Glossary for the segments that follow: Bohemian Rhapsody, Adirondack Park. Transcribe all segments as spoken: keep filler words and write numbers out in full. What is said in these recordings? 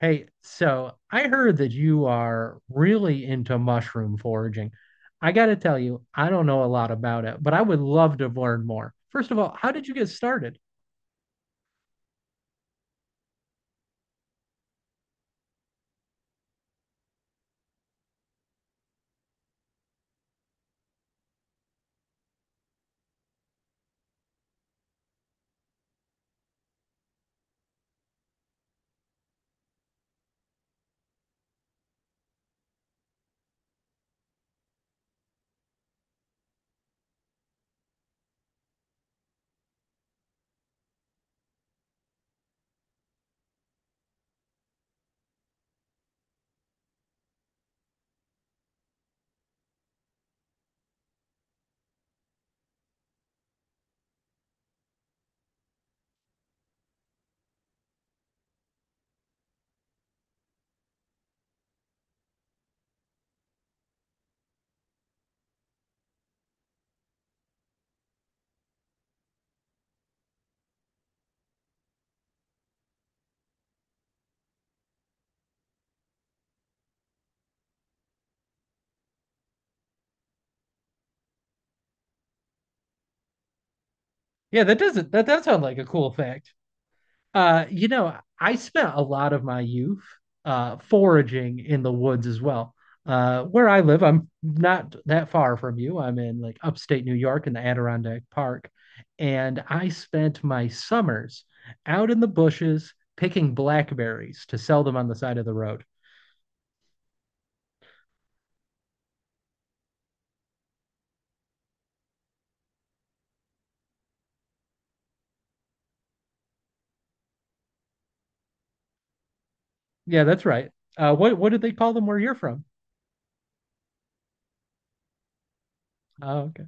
Hey, so I heard that you are really into mushroom foraging. I got to tell you, I don't know a lot about it, but I would love to learn more. First of all, how did you get started? Yeah, that doesn't that does sound like a cool fact. Uh, you know, I spent a lot of my youth uh, foraging in the woods as well. Uh, where I live, I'm not that far from you. I'm in like upstate New York in the Adirondack Park, and I spent my summers out in the bushes picking blackberries to sell them on the side of the road. Yeah, that's right. Uh, what what did they call them where you're from? Oh, okay.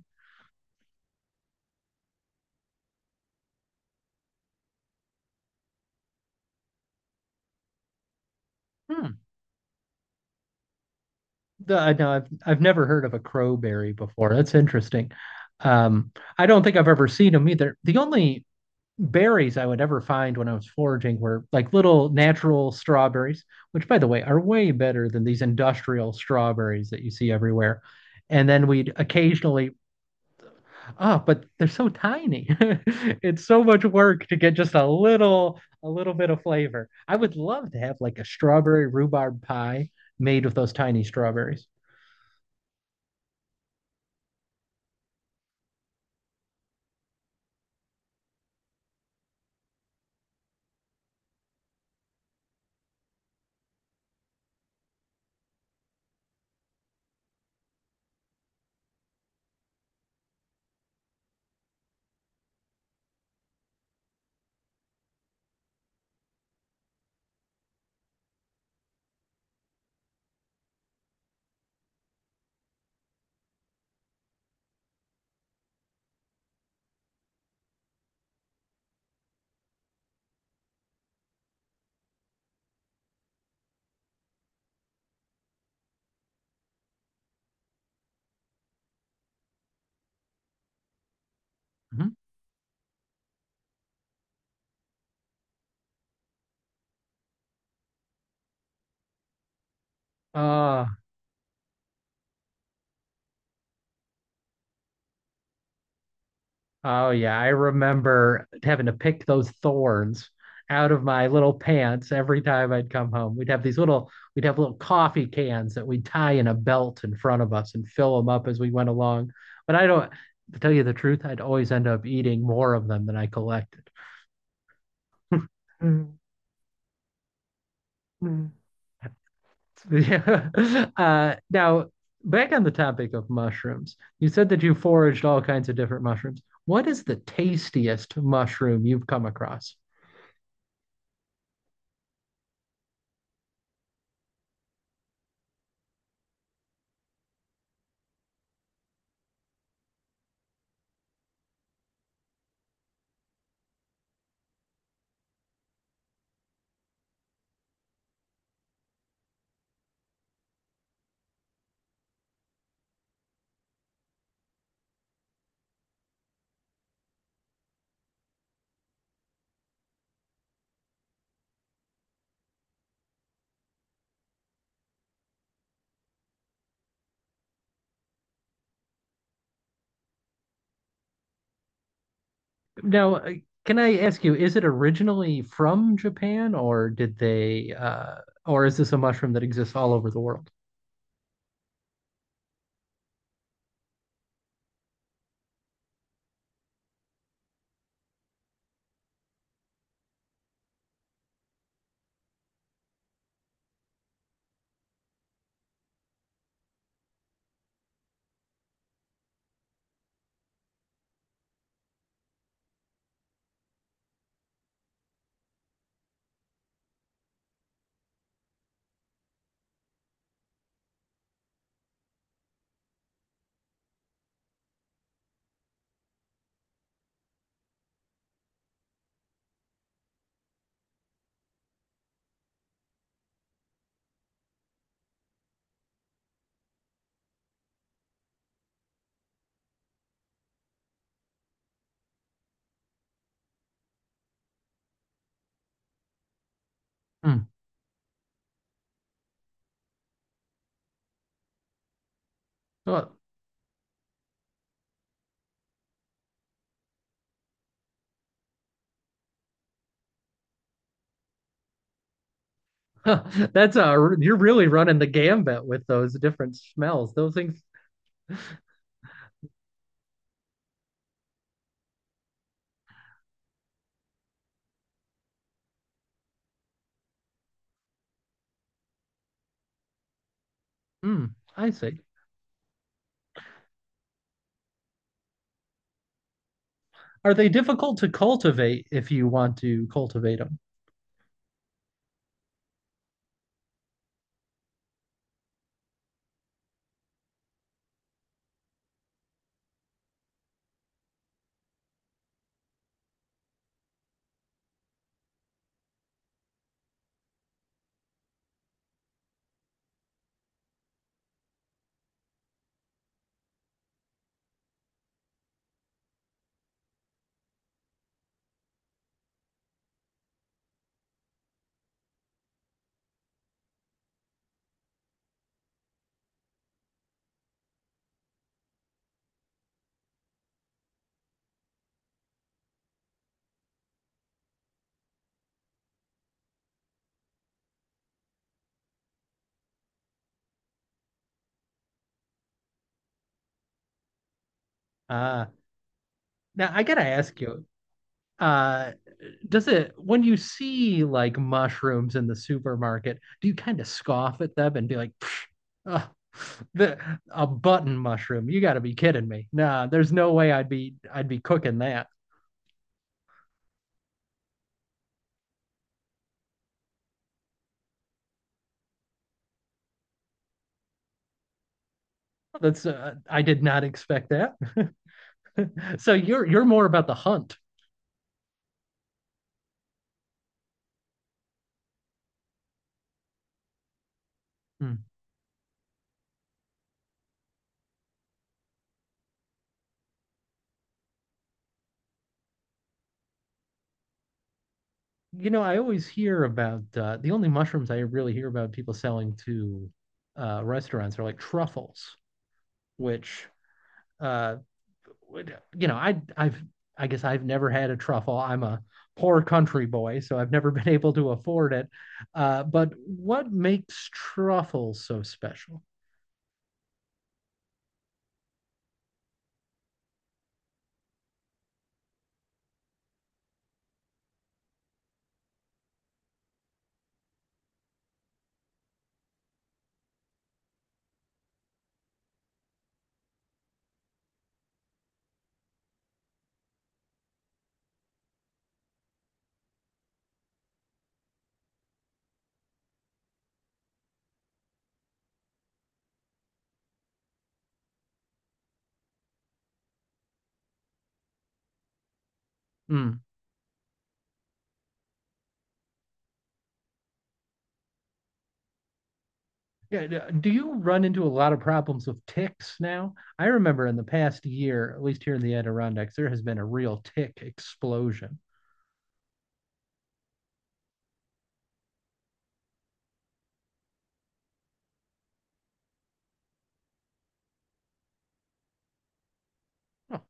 Hmm. The, I know I've I've never heard of a crowberry before. That's interesting. Um, I don't think I've ever seen them either. The only berries I would ever find when I was foraging were like little natural strawberries, which, by the way, are way better than these industrial strawberries that you see everywhere. And then we'd occasionally, oh, but they're so tiny. It's so much work to get just a little, a little bit of flavor. I would love to have like a strawberry rhubarb pie made with those tiny strawberries. Mhm. Ah. Oh yeah, I remember having to pick those thorns out of my little pants every time I'd come home. We'd have these little we'd have little coffee cans that we'd tie in a belt in front of us and fill them up as we went along. But I don't, to tell you the truth, I'd always end up eating more of them than I collected. Mhm. Yeah. Uh, now, back on the topic of mushrooms, you said that you foraged all kinds of different mushrooms. What is the tastiest mushroom you've come across? Now, uh, can I ask you, is it originally from Japan or did they uh or is this a mushroom that exists all over the world? Hmm. Well, that's a you're really running the gambit with those different smells. Those things. Hmm, I see. Are they difficult to cultivate if you want to cultivate them? Ah, now I gotta ask you, uh, does it when you see like mushrooms in the supermarket, do you kind of scoff at them and be like, "Pfft, the, a button mushroom, you got to be kidding me, nah, there's no way i'd be i'd be cooking that. That's uh, I did not expect that." So you're you're more about the hunt. Hmm. You know, I always hear about, uh, the only mushrooms I really hear about people selling to uh, restaurants are like truffles, which uh, you know, I I've I guess I've never had a truffle. I'm a poor country boy, so I've never been able to afford it. Uh, but what makes truffles so special? Mm. Yeah, do you run into a lot of problems with ticks now? I remember in the past year, at least here in the Adirondacks, there has been a real tick explosion. Oh,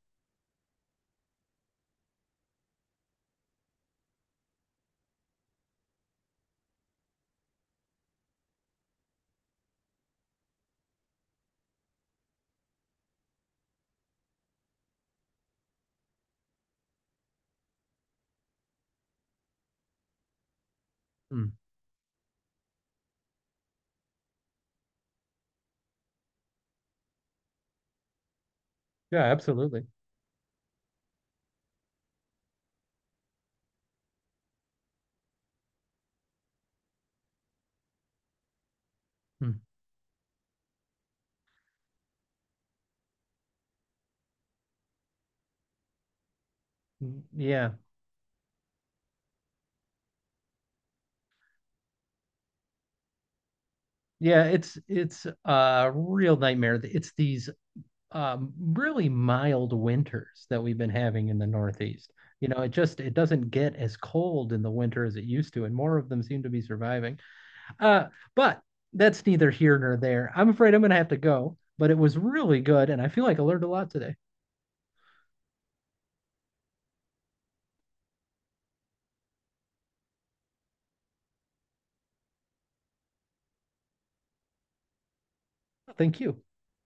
mm. Yeah, absolutely. Mm. Yeah. Yeah, it's it's a real nightmare. It's these um, really mild winters that we've been having in the Northeast. You know, it just it doesn't get as cold in the winter as it used to, and more of them seem to be surviving. Uh, but that's neither here nor there. I'm afraid I'm gonna have to go, but it was really good, and I feel like I learned a lot today. Thank you.